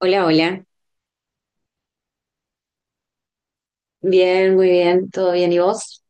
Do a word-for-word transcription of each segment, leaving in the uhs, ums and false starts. Hola, hola. Bien, muy bien. ¿Todo bien? ¿Y vos?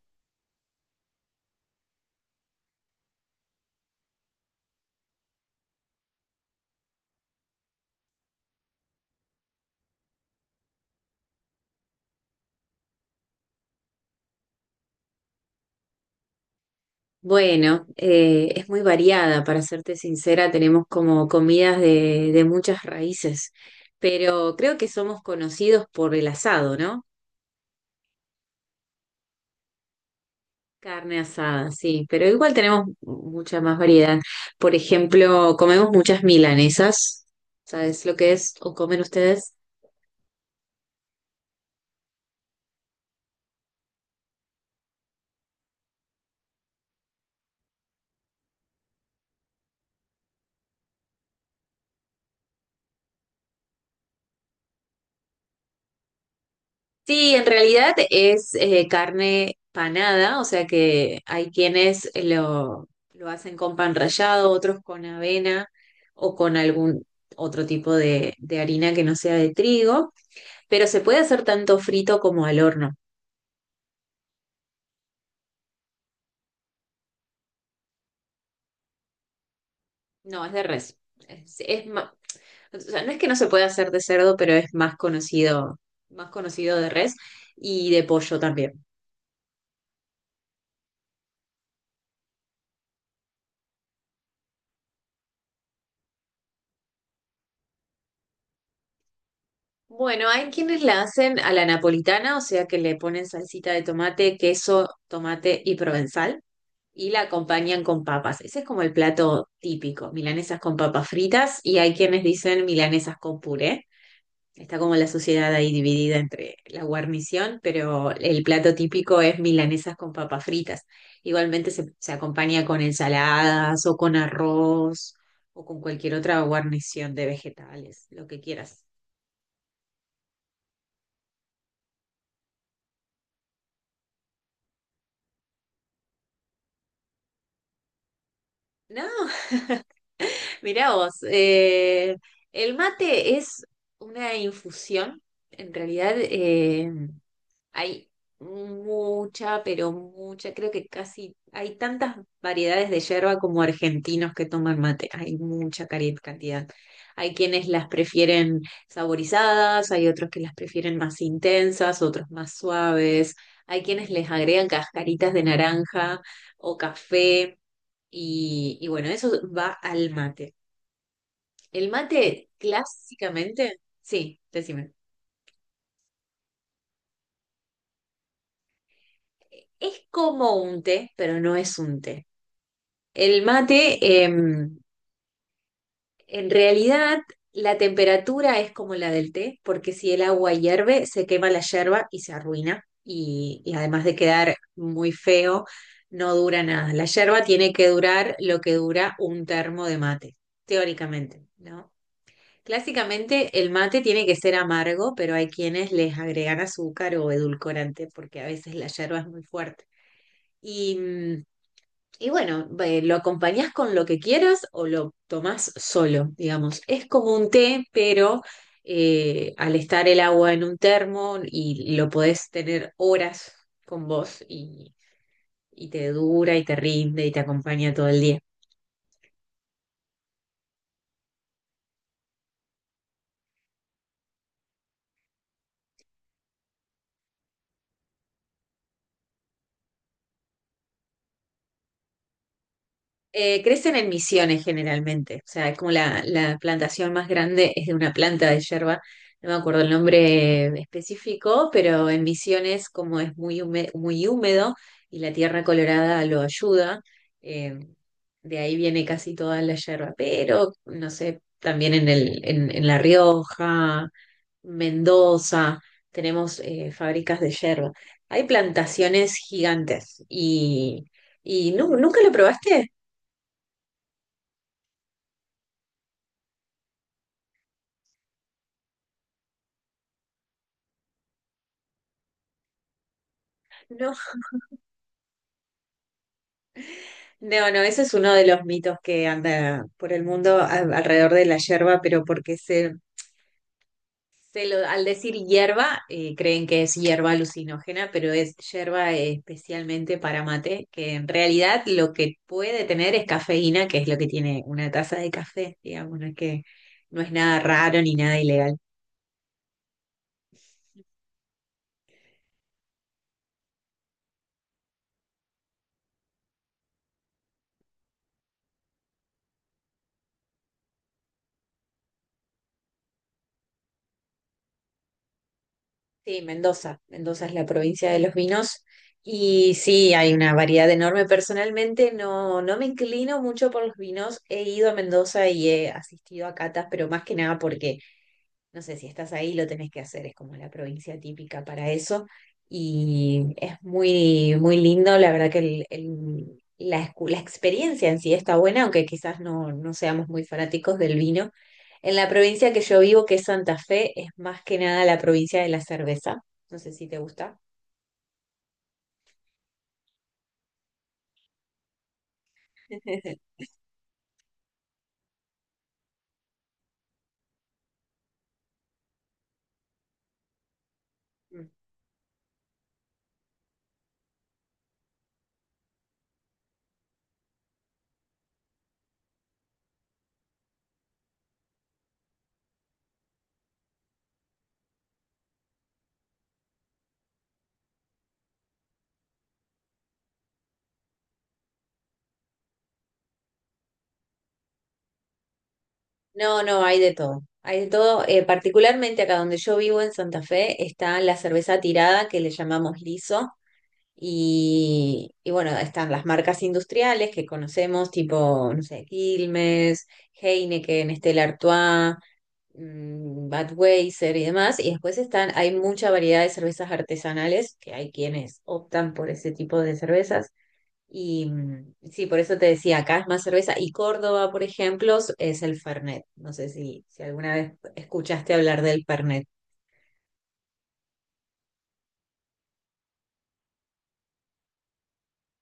Bueno, eh, es muy variada, para serte sincera, tenemos como comidas de, de muchas raíces, pero creo que somos conocidos por el asado, ¿no? Carne asada, sí, pero igual tenemos mucha más variedad. Por ejemplo, comemos muchas milanesas, ¿sabes lo que es? ¿O comen ustedes? Sí, en realidad es eh, carne panada, o sea que hay quienes eh, lo, lo hacen con pan rallado, otros con avena o con algún otro tipo de, de harina que no sea de trigo, pero se puede hacer tanto frito como al horno. No, es de res. Es, es ma- o sea, no es que no se pueda hacer de cerdo, pero es más conocido, más conocido de res y de pollo también. Bueno, hay quienes la hacen a la napolitana, o sea que le ponen salsita de tomate, queso, tomate y provenzal y la acompañan con papas. Ese es como el plato típico, milanesas con papas fritas y hay quienes dicen milanesas con puré. Está como la sociedad ahí dividida entre la guarnición, pero el plato típico es milanesas con papas fritas. Igualmente se, se acompaña con ensaladas o con arroz o con cualquier otra guarnición de vegetales, lo que quieras. No, mirá vos, eh, el mate es una infusión. En realidad eh, hay mucha, pero mucha, creo que casi hay tantas variedades de yerba como argentinos que toman mate. Hay mucha cari- cantidad. Hay quienes las prefieren saborizadas, hay otros que las prefieren más intensas, otros más suaves. Hay quienes les agregan cascaritas de naranja o café. Y, y bueno, eso va al mate. El mate clásicamente, sí, decime. Es como un té, pero no es un té. El mate, em, en realidad, la temperatura es como la del té, porque si el agua hierve, se quema la yerba y se arruina. Y, y además de quedar muy feo, no dura nada. La yerba tiene que durar lo que dura un termo de mate, teóricamente, ¿no? Clásicamente el mate tiene que ser amargo, pero hay quienes les agregan azúcar o edulcorante porque a veces la yerba es muy fuerte. Y, mm, y bueno, eh, lo acompañás con lo que quieras o lo tomás solo, digamos. Es como un té, pero eh, al estar el agua en un termo y lo podés tener horas con vos y, y te dura y te rinde y te acompaña todo el día. Eh, crecen en misiones generalmente, o sea, es como la, la plantación más grande, es de una planta de yerba, no me acuerdo el nombre específico, pero en misiones como es muy húmedo, muy húmedo y la tierra colorada lo ayuda, eh, de ahí viene casi toda la yerba, pero no sé, también en el, en, en La Rioja, Mendoza, tenemos eh, fábricas de yerba. Hay plantaciones gigantes y, y nu- nunca lo probaste. No, no, no, ese es uno de los mitos que anda por el mundo a- alrededor de la hierba, pero porque se, se lo, al decir hierba, eh, creen que es hierba alucinógena, pero es hierba eh, especialmente para mate, que en realidad lo que puede tener es cafeína, que es lo que tiene una taza de café, digamos, no es que no es nada raro ni nada ilegal. Sí, Mendoza. Mendoza es la provincia de los vinos y sí, hay una variedad enorme. Personalmente no, no me inclino mucho por los vinos. He ido a Mendoza y he asistido a catas, pero más que nada porque no sé, si estás ahí lo tenés que hacer, es como la provincia típica para eso. Y es muy, muy lindo, la verdad que el- el- la, escu- la experiencia en sí está buena, aunque quizás no, no seamos muy fanáticos del vino. En la provincia que yo vivo, que es Santa Fe, es más que nada la provincia de la cerveza. No sé si te gusta. Mm. No, no, hay de todo. Hay de todo. Eh, particularmente acá donde yo vivo en Santa Fe está la cerveza tirada que le llamamos liso. Y, y bueno, están las marcas industriales que conocemos, tipo, no sé, Quilmes, Heineken, Stella Artois, mm, Budweiser y demás. Y después están, hay mucha variedad de cervezas artesanales, que hay quienes optan por ese tipo de cervezas. Y mm, sí, por eso te decía, acá es más cerveza. Y Córdoba, por ejemplo, es el Fernet. No sé si, si alguna vez escuchaste hablar del Fernet.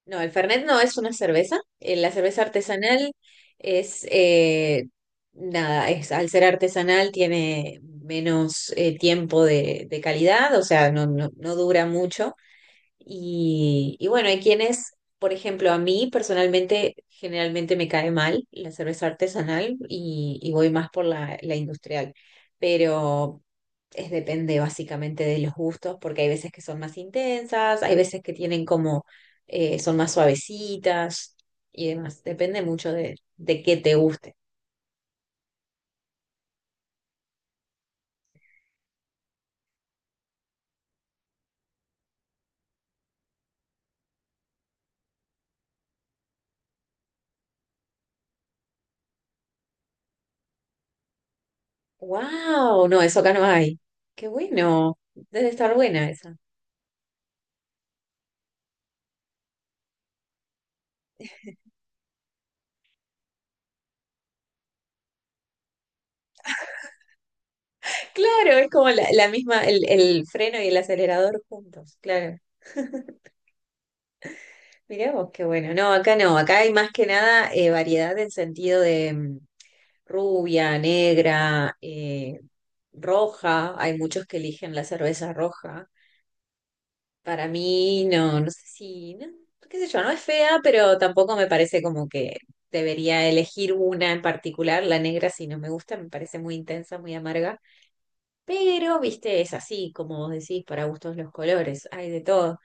No, el Fernet no es una cerveza. eh, La cerveza artesanal es, eh, nada, es, al ser artesanal tiene menos eh, tiempo de, de calidad, o sea, no, no, no dura mucho. Y, y bueno, hay quienes, por ejemplo, a mí personalmente generalmente me cae mal la cerveza artesanal y, y voy más por la, la industrial, pero es depende básicamente de los gustos, porque hay veces que son más intensas, hay veces que tienen como, eh, son más suavecitas y demás, depende mucho de, de qué te guste. ¡Wow! No, eso acá no hay. ¡Qué bueno! Debe estar buena esa. Claro, es como la, la misma, el, el freno y el acelerador juntos, claro. Mirá vos, qué bueno. No, acá no, acá hay más que nada eh, variedad en sentido de mm, rubia, negra, eh, roja. Hay muchos que eligen la cerveza roja. Para mí, no, no sé si, no, qué sé yo, no es fea, pero tampoco me parece como que debería elegir una en particular, la negra, si no me gusta, me parece muy intensa, muy amarga. Pero, viste, es así, como vos decís, para gustos los colores, hay de todo.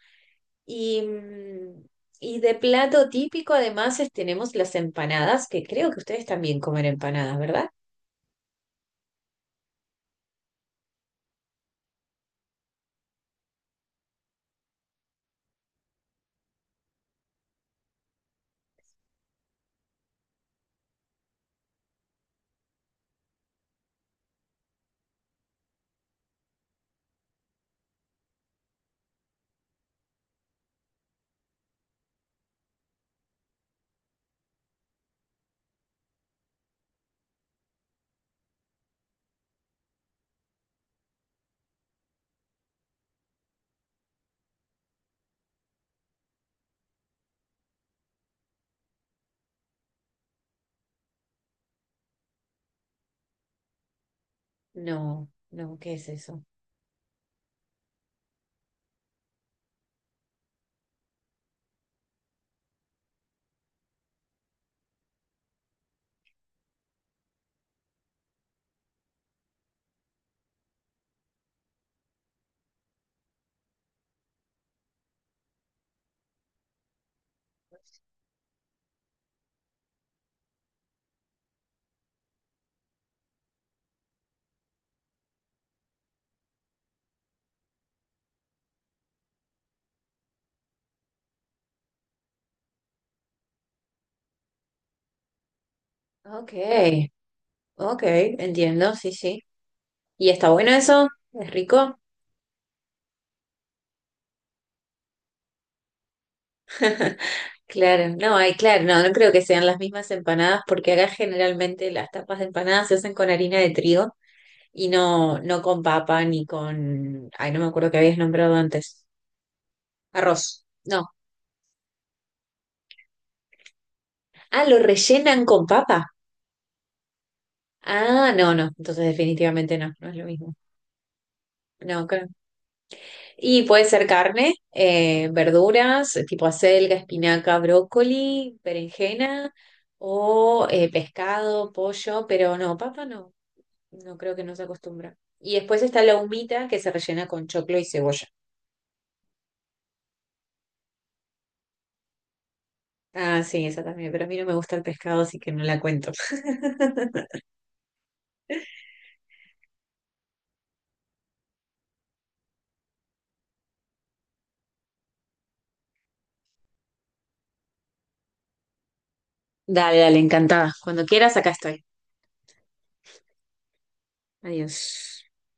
Y, mm, y de plato típico, además, es- tenemos las empanadas, que creo que ustedes también comen empanadas, ¿verdad? No, no, ¿qué es eso? Ok, ok, entiendo, sí, sí. ¿Y está bueno eso? ¿Es rico? Claro, no, hay, claro, no, no creo que sean las mismas empanadas, porque acá generalmente las tapas de empanadas se hacen con harina de trigo y no, no con papa ni con, ay, no me acuerdo que habías nombrado antes. Arroz. No. Ah, lo rellenan con papa. Ah, no, no. Entonces definitivamente no, no es lo mismo. No, creo. Y puede ser carne, eh, verduras, tipo acelga, espinaca, brócoli, berenjena o eh, pescado, pollo, pero no, papa no. No creo que no se acostumbra. Y después está la humita que se rellena con choclo y cebolla. Ah, sí, esa también, pero a mí no me gusta el pescado, así que no la cuento. Dale, dale, encantada. Cuando quieras, acá estoy. Adiós.